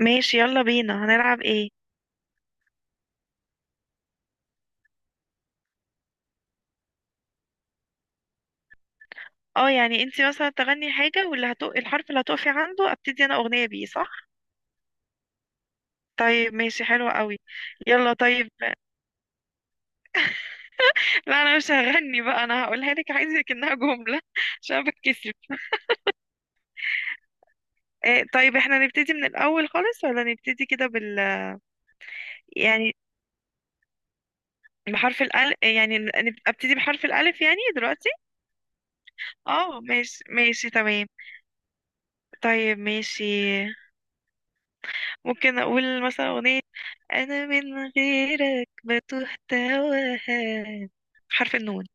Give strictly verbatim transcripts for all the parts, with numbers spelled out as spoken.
ماشي، يلا بينا. هنلعب ايه؟ اه، يعني انتي مثلا تغني حاجة واللي هتق... الحرف اللي هتقفي عنده، ابتدي انا اغنية بيه، صح؟ طيب ماشي، حلوة قوي. يلا طيب. لا، انا مش هغني بقى، انا هقولها لك. عايزك انها جملة عشان أنا بتكسف. إيه، طيب احنا نبتدي من الاول خالص ولا نبتدي كده بال؟ يعني بحرف الألف، يعني نب- ابتدي بحرف الألف يعني دلوقتي. اه ماشي ماشي تمام. طيب ماشي. ممكن اقول مثلا اغنية: انا من غيرك بتوه تواها. حرف النون.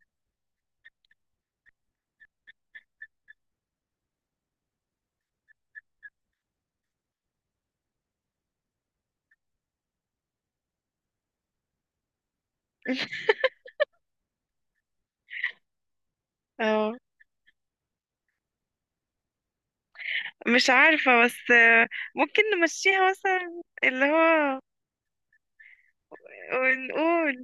اه، مش عارفة بس، آه، ممكن نمشيها مثلا، اللي هو ونقول.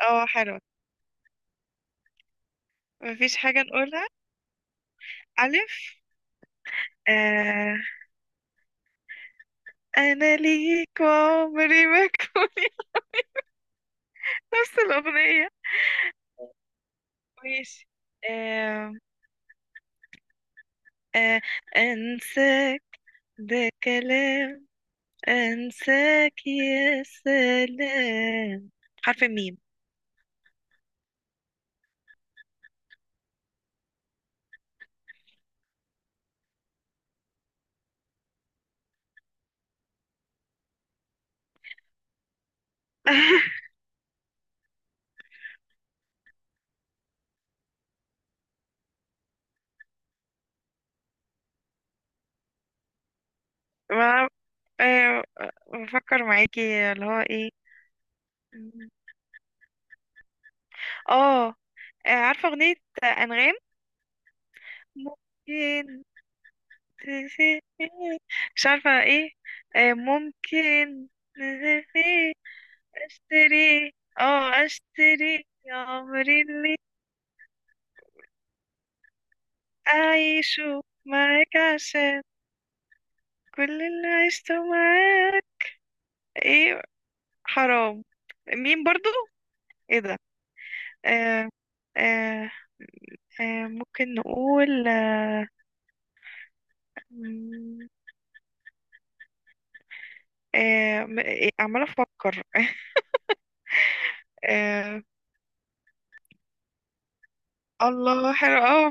اه حلوة. مفيش حاجة نقولها. ألف. آه، أنا ليك وعمري ما كوني. نفس الأغنية. ماشي. آه. آه. أنساك ده كلام، أنساك يا سلام. حرف الميم. ما، آه، بفكر معاكي، اللي هو ايه. اه، آه، عارفة أغنية أنغام؟ ممكن تسيب مش عارفة ايه. آه، ممكن تسيب اشتري. اه، اشتري يا عمري اللي أعيشه معاك عشان كل اللي عشته معاك. ايه. حرام. مين برضو. ايه ده. آه. آه. آه، ممكن نقول آه، مم. آه، م- إيه، عمالة أفكر. آه، الله حلو أوي.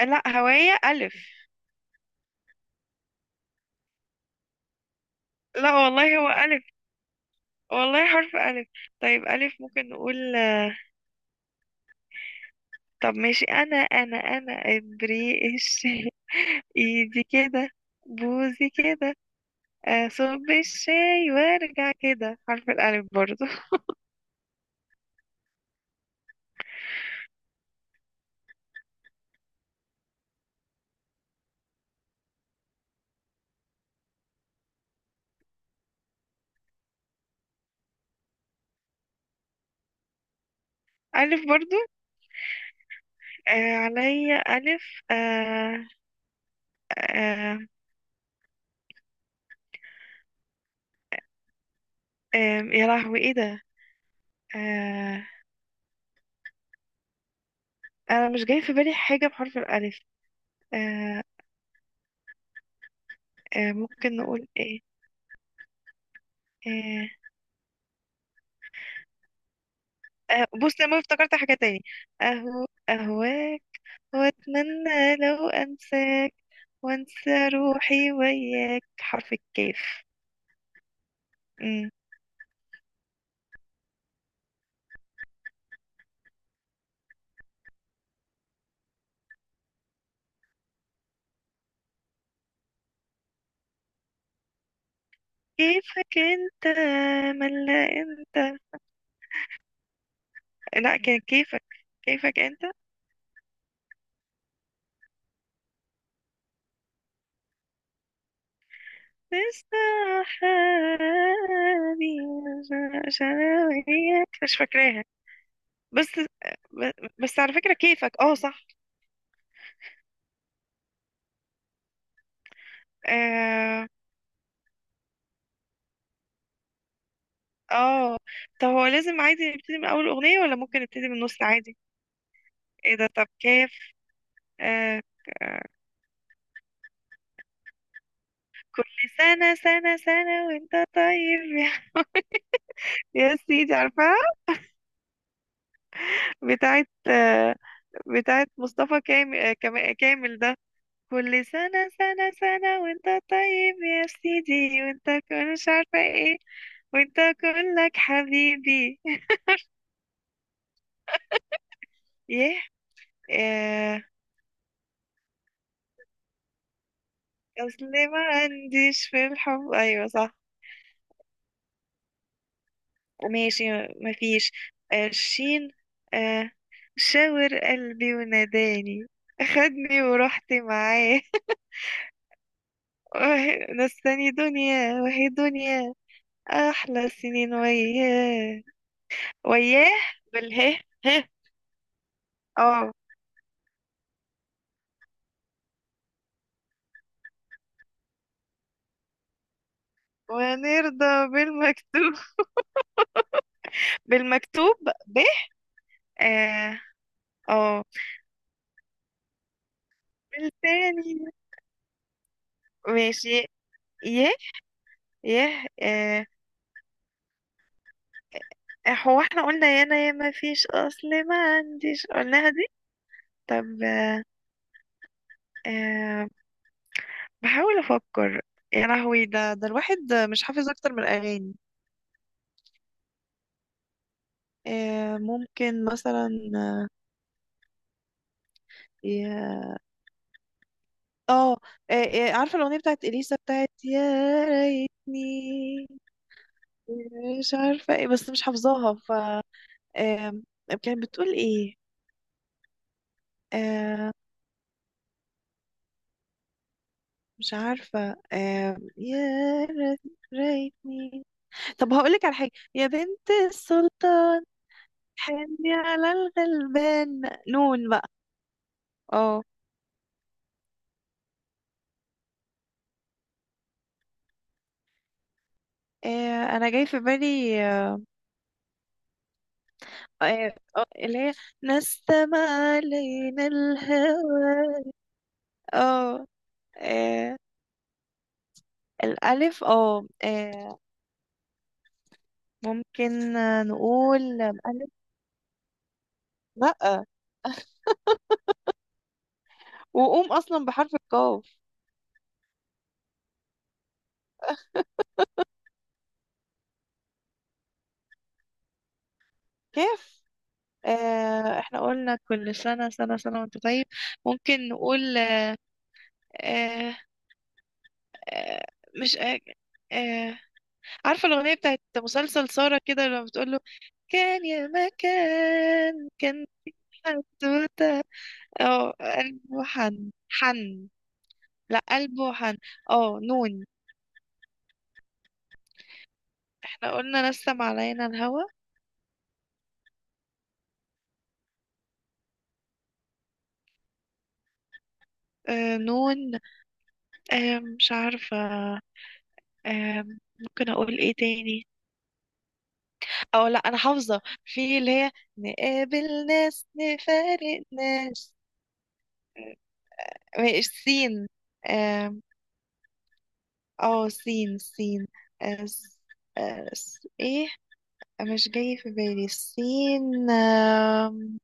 لا هواية ألف. لا والله هو ألف، والله حرف ألف. طيب ألف، ممكن نقول آه، طب ماشي، أنا أنا أنا إبريق الشاي. إيدي كده، بوزي كده، أصب الشاي وأرجع كده. حرف الألف برضو. ألف برضو. آه عليا ألف. آه. آه. آه. يا لهوي إيه ده. آه. أنا مش جاي في بالي حاجة بحرف الألف. آه. آه ممكن نقول ايه. آه. آه، بص انا افتكرت حاجة تاني: اهو اهواك واتمنى لو انساك وانسى روحي وياك. حرف الكاف. مم. كيفك انت ملا انت. لا كان كيفك، كيفك انت لسه حالي. مش فاكراها بس، بس على فكرة كيفك اه صح. آه. اه، طب هو لازم عادي نبتدي من اول اغنية ولا ممكن نبتدي من النص عادي؟ ايه ده، طب كيف. آه ك- آه، كل سنة سنة سنة وانت طيب يا، يا سيدي عارفاها؟ بتاعت آه، بتاعت مصطفى كامل. آه كما- كامل ده. كل سنة سنة سنة وانت طيب يا سيدي، وانت كل مش عارفة ايه، وانت كلك حبيبي. يه. آه، اصل ما عنديش في الحب، ايوه صح. ماشي. مفيش. آه، شين. آه، شاور قلبي وناداني، خدني ورحت معاه. وه- نساني دنيا وهي دنيا، أحلى سنين وياه. وياه. بالهه. ه. اه. ونرضى بالمكتوب. بالمكتوب. ب. اه. اه. بالتاني. ماشي. يه. يه اه. هو احنا قلنا يانا يا ما فيش اصل ما عنديش، قلناها دي. طب. أه، بحاول أفكر. يا لهوي، ده ده الواحد مش حافظ أكتر من الأغاني. أه ممكن مثلا يا. اه. آه، آه، عارفة الأغنية بتاعت إليسا بتاعت يا ريتني مش عارفة ايه، بس مش حافظاها. ف آه، كانت بتقول ايه. أه مش عارفة. أه يا ريت- ريتني. طب هقولك على حاجة: يا بنت السلطان حني على الغلبان. نون بقى. اه، آه، انا جاي في بالي آه، آه، آه، اللي هي نستمع علينا الهوى. اه. آه الالف اه، آه، ممكن آه، نقول الف. لا وقوم اصلا بحرف القاف. كيف. آه، احنا قلنا كل سنة سنة سنة وانت طيب. ممكن نقول آه، آه، مش آه، آه، عارفة الأغنية بتاعت مسلسل سارة كده لما بتقول له كان يا مكان كان سودة؟ اه قلب وحن حن. لا قلب وحن. اه نون. احنا قلنا نسم علينا الهوى. آه نون. آه مش عارفة. آه ممكن اقول ايه تاني. او لا، انا حافظة في اللي هي نقابل ناس نفارق ناس. مش سين. اه. آه، سين سين آه س- آه س- ايه، مش جاي في بالي سين. آم،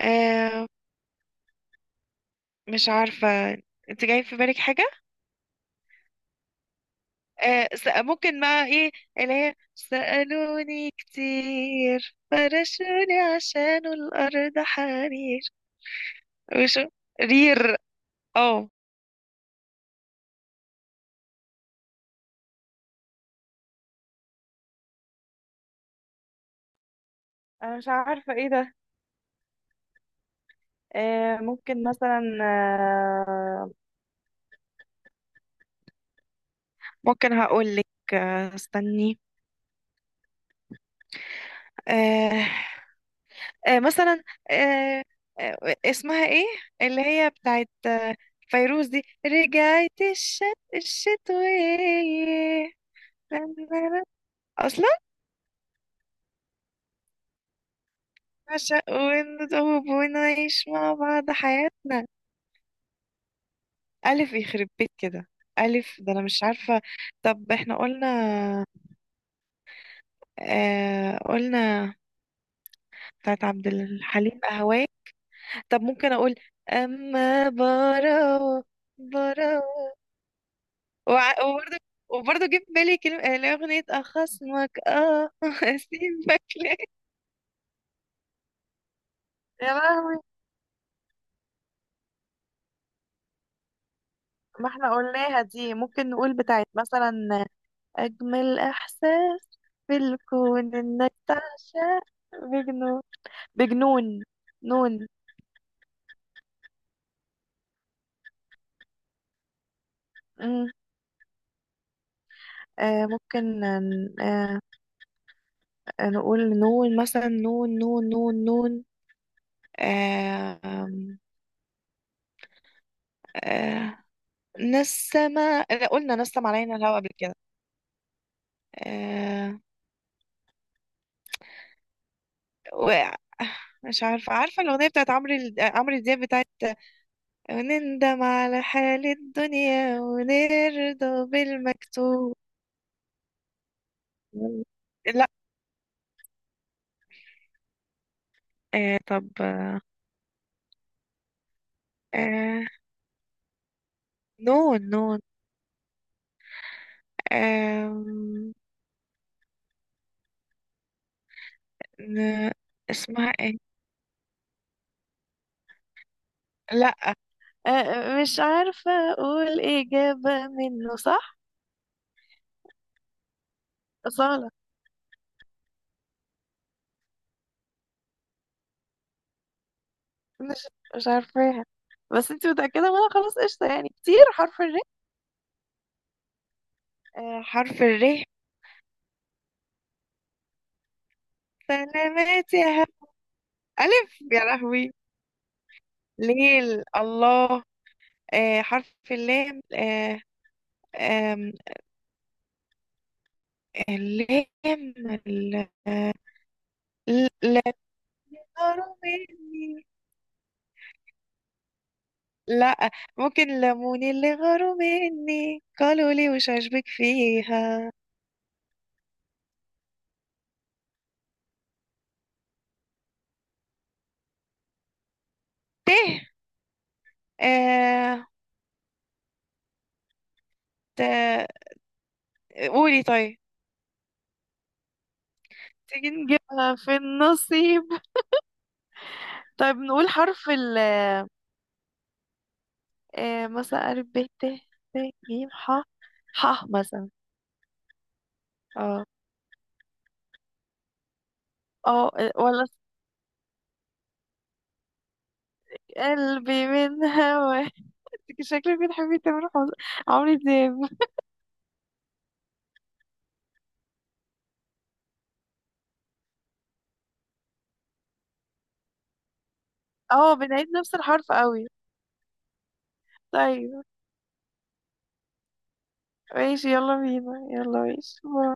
آم، مش عارفة. انت جاي في بالك حاجة؟ آه س- ممكن بقى ايه؟ اللي هي سألوني كتير فرشوني عشان الأرض حرير. وشو. رير. اه. انا مش عارفة ايه ده. آه ممكن مثلا. آه ممكن هقول لك. آه استني. آه. آه مثلا. آه. آه. اسمها ايه اللي هي بتاعت آه، فيروز، دي رجعت الشت الشتوية اصلا. عشق ونتوب ونعيش مع بعض حياتنا. الف يخرب بيت كده. الف ده انا مش عارفه. طب احنا قلنا، آه قلنا بتاعت عبد الحليم اهواك. طب ممكن اقول اما براو. براو. وع- وبرضه، وبرضه جه في بالي كلمة آه، اللي هي أغنية أخصمك اه أسيبك ليه. يا لهوي. ما احنا قلناها دي. ممكن نقول بتاعت مثلا أجمل إحساس في الكون إنك تعشق بجنون. بجنون. نون. مم. آه ممكن، آه آه، نقول نون مثلا، نون نون نون نون. آه. آم،. آه. نسمة. لا، قلنا نسم علينا الهوا قبل كده. آه. وقع. مش عارفة. عارفة الأغنية بتاعت عمرو ال- عمرو دياب بتاعت نندم على حال الدنيا ونرضى بالمكتوب. لا. آه طب. آه نون نون آم، ن... اسمها ايه؟ لا. آه آه، مش عارفة اقول اجابة منه صح. أصالة. مش مش عارفاها، بس انت متأكدة منها خلاص قشطة. يعني كتير، حرف الر. آه حرف الر. سلامات يا هب. ألف يا لهوي. ليل الله. آه حرف اللام. آه، آم، اللام. ال-. لا ترى مني. لا، ممكن لموني اللي غاروا مني قالوا لي مش عاجبك فيها. تيه. آه ت.... قولي طيب. تيجي نجيبها في النصيب. طيب نقول حرف ال. آه مثلا ألف ب ت. ت ج ح. ح مثلا. اه. اه ولا قلبي من هوا. إنت شكلك بتحبي تامر حسني، عمرو دياب. اه بنعيد نفس الحرف قوي. طيب ماشي، يلا بينا، يلا ماشي، باي.